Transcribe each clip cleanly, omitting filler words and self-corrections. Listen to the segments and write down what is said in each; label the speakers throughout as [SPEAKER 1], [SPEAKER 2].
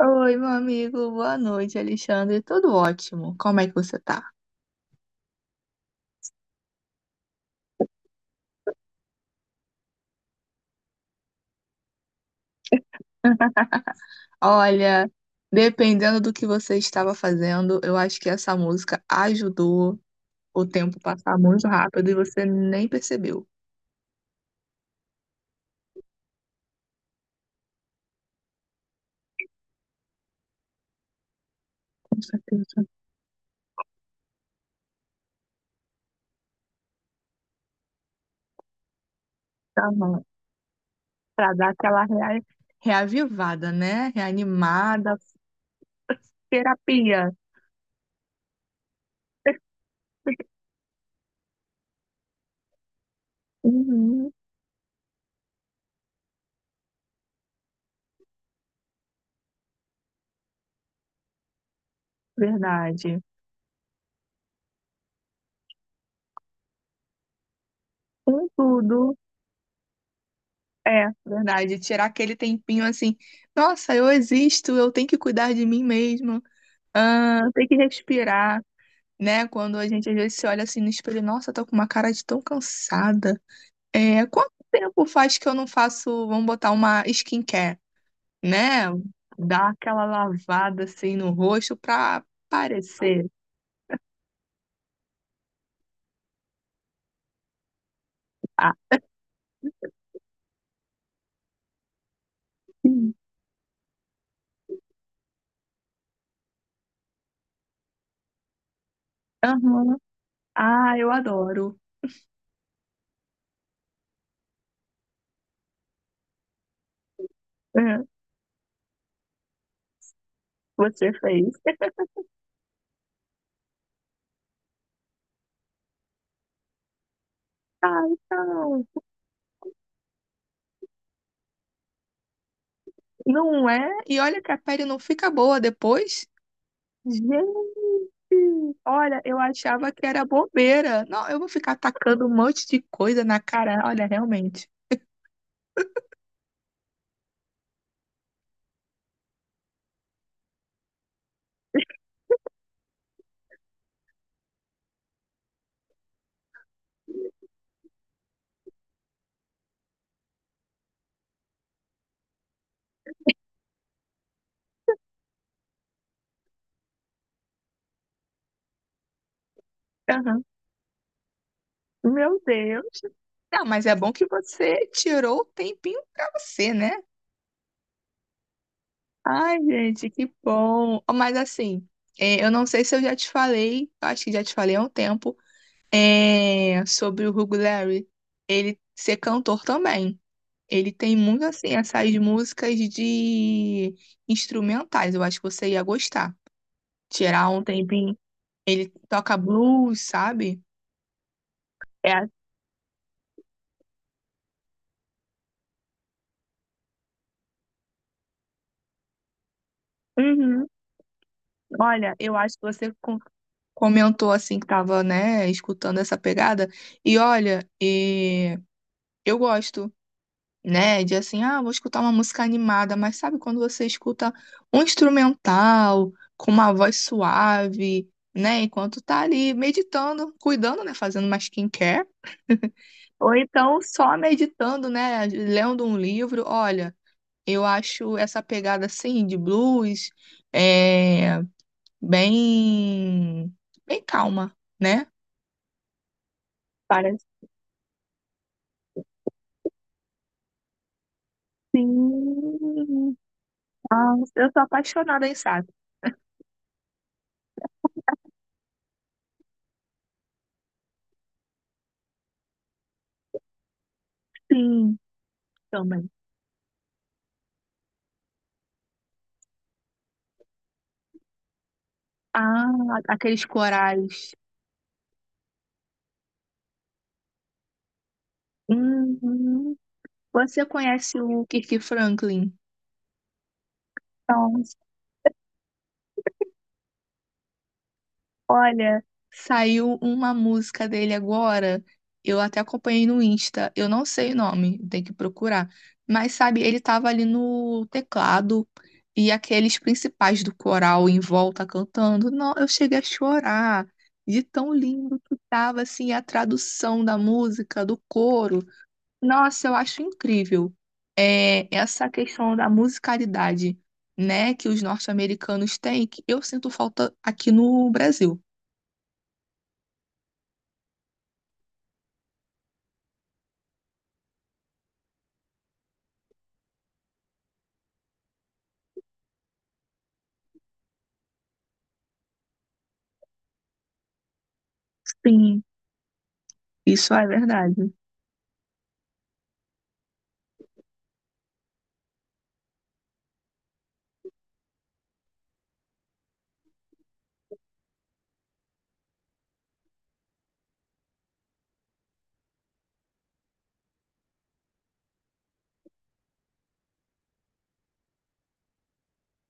[SPEAKER 1] Oi, meu amigo, boa noite, Alexandre. Tudo ótimo. Como é que você tá? Olha, dependendo do que você estava fazendo, eu acho que essa música ajudou o tempo passar muito rápido e você nem percebeu. Para dar uma- Pra dar aquela rea- reavivada, né? Reanimada, terapia. Uhum, verdade. Com tudo. É, verdade. Tirar aquele tempinho assim, nossa, eu existo, eu tenho que cuidar de mim mesma. Ah, tem que respirar, né? Quando a gente às vezes se olha assim no espelho, nossa, tô com uma cara de tão cansada. É, quanto tempo faz que eu não faço, vamos botar uma skincare, né? Dar aquela lavada assim no rosto pra parecer. Ah, sim. Aham. Ah, eu adoro. É, você fez. Ah, então. Não é? E olha que a pele não fica boa depois. Gente, olha, eu achava que era bobeira. Não, eu vou ficar tacando um monte de coisa na cara. Olha, realmente. Aham. Meu Deus. Não, mas é bom que você tirou o tempinho pra você, né? Ai, gente, que bom. Mas assim, eu não sei se eu já te falei, acho que já te falei há um tempo, sobre o Hugo Larry. Ele ser cantor também. Ele tem muito assim essas músicas de instrumentais. Eu acho que você ia gostar. Tirar um tempinho. Ele toca blues, sabe? É. a- Uhum. Olha, eu acho que comentou assim que tava, né, escutando essa pegada. E olha, e eu gosto, né, de assim, ah, vou escutar uma música animada, mas sabe quando você escuta um instrumental com uma voz suave, né, enquanto tá ali meditando, cuidando, né, fazendo uma skincare. Ou então só meditando, né? Lendo um livro. Olha, eu acho essa pegada assim de blues é bem bem calma, né? Parece sim. Ah, eu sou apaixonada em sax. Sim, também. Ah, aqueles corais. Uhum. Você conhece o Kirk Franklin? Olha, saiu uma música dele agora. Eu até acompanhei no Insta. Eu não sei o nome, tem que procurar. Mas sabe, ele tava ali no teclado e aqueles principais do coral em volta cantando. Não, eu cheguei a chorar de tão lindo que tava assim a tradução da música, do coro. Nossa, eu acho incrível. É, essa questão da musicalidade, né, que os norte-americanos têm, que eu sinto falta aqui no Brasil. Sim, isso é verdade.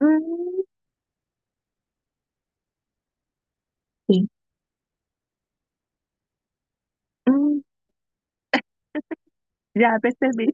[SPEAKER 1] Hum, sim. Hum, já percebi.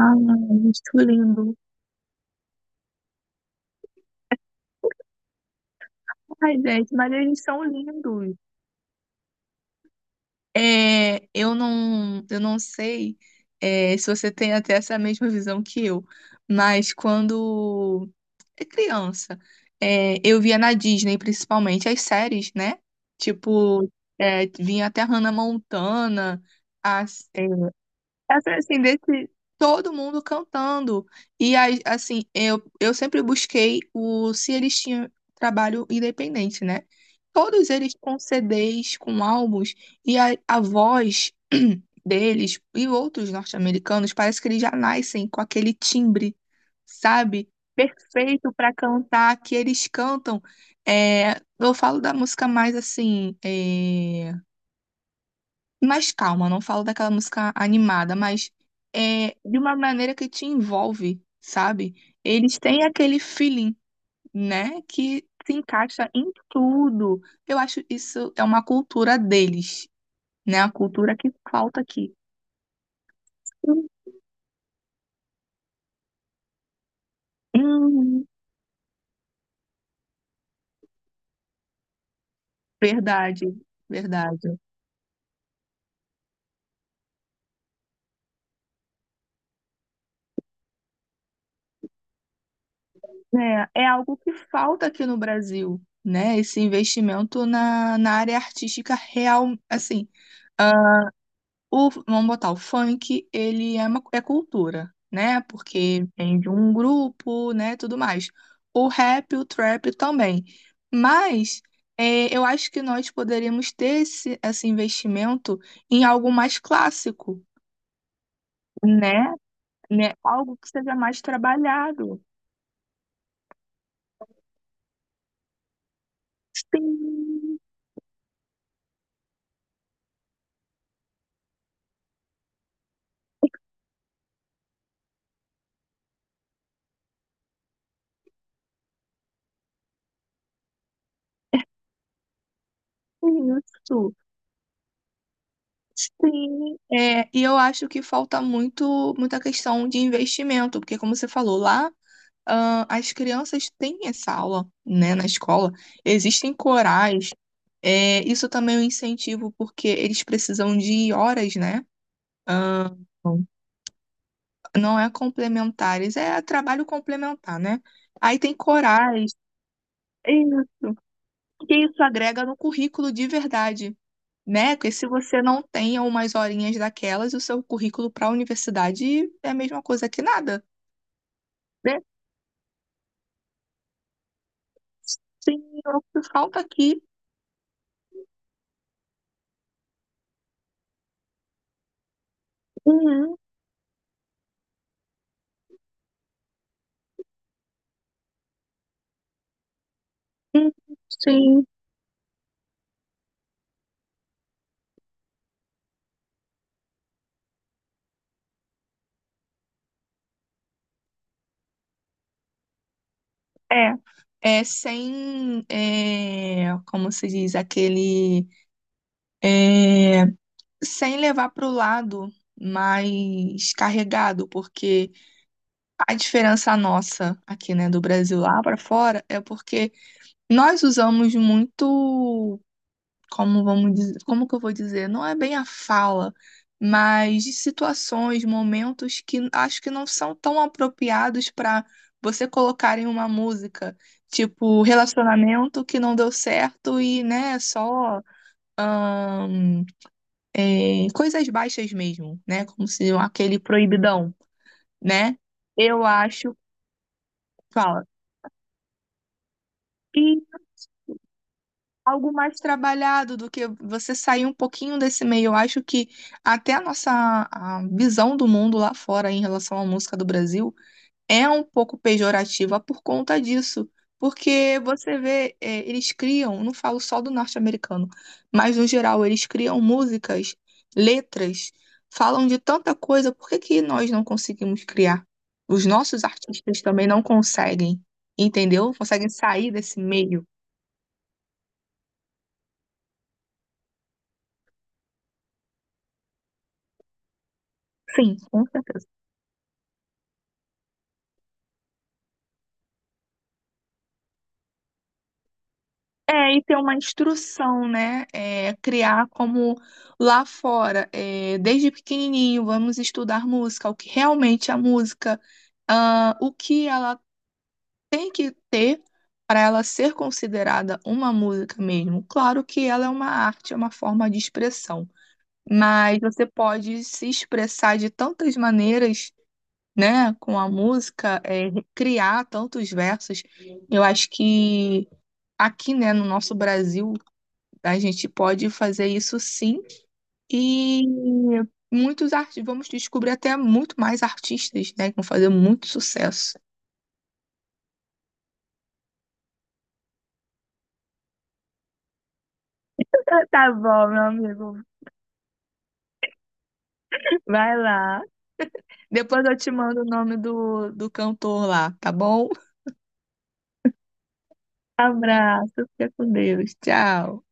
[SPEAKER 1] Ai, muito lindo. Ai, gente, mas eles são lindos. É, eu não sei, se você tem até essa mesma visão que eu, mas quando é criança, eu via na Disney, principalmente, as séries, né? Tipo, vinha até Hannah Montana, as, é, essa assim, desse, todo mundo cantando. E aí, assim, eu sempre busquei o se eles tinham trabalho independente, né? Todos eles com CDs, com álbuns, e a voz deles e outros norte-americanos, parece que eles já nascem com aquele timbre, sabe? Perfeito para cantar, que eles cantam. É, eu falo da música mais assim. Mais calma, não falo daquela música animada, mas é de uma maneira que te envolve, sabe? Eles têm aquele feeling, né, que se encaixa em tudo. Eu acho isso é uma cultura deles, né? A cultura que falta aqui. Hum, hum, verdade, verdade. É, é algo que falta aqui no Brasil, né? Esse investimento na área artística real, assim, o, vamos botar, o funk, ele é uma cultura, né? Porque vem de um grupo, né? Tudo mais. O rap, o trap também. Mas eu acho que nós poderíamos ter esse investimento em algo mais clássico, né? Né? Algo que seja mais trabalhado. Sim, isso. Sim. É, e eu acho que falta muito, muita questão de investimento, porque como você falou lá, ah, as crianças têm essa aula, né, na escola, existem corais, isso também é um incentivo, porque eles precisam de horas, né? Ah, não é complementares, é trabalho complementar, né? Aí tem corais, isso, que isso agrega no currículo de verdade, né? Porque se você não tem umas horinhas daquelas, o seu currículo para a universidade é a mesma coisa que nada, né? Sim, o que falta aqui. Uhum, uhum, sim. É, é sem, é, como se diz, é, sem levar para o lado mais carregado, porque a diferença nossa aqui, né, do Brasil lá para fora é porque nós usamos muito, como vamos dizer, como que eu vou dizer? Não é bem a fala, mas de situações, momentos que acho que não são tão apropriados para você colocar em uma música, tipo relacionamento que não deu certo e, né, só ahn, coisas baixas mesmo, né? Como se aquele proibidão, né? Eu acho, fala, algo mais trabalhado do que você sair um pouquinho desse meio. Eu acho que até a nossa a visão do mundo lá fora em relação à música do Brasil é um pouco pejorativa por conta disso. Porque você vê, eles criam, não falo só do norte-americano, mas no geral, eles criam músicas, letras, falam de tanta coisa, por que que nós não conseguimos criar? Os nossos artistas também não conseguem, entendeu? Conseguem sair desse meio. Sim, com certeza. É, e ter uma instrução, né? É, criar como lá fora, desde pequenininho, vamos estudar música, o que realmente é a música, ah, o que ela tem que ter para ela ser considerada uma música mesmo. Claro que ela é uma arte, é uma forma de expressão, mas você pode se expressar de tantas maneiras, né? Com a música, criar tantos versos. Eu acho que aqui, né, no nosso Brasil a gente pode fazer isso sim. E muitos artistas, vamos descobrir até muito mais artistas, né, que vão fazer muito sucesso. Tá bom, meu amigo. Vai lá. Depois eu te mando o nome do cantor lá, tá bom? Abraço. Fica com Deus. Tchau.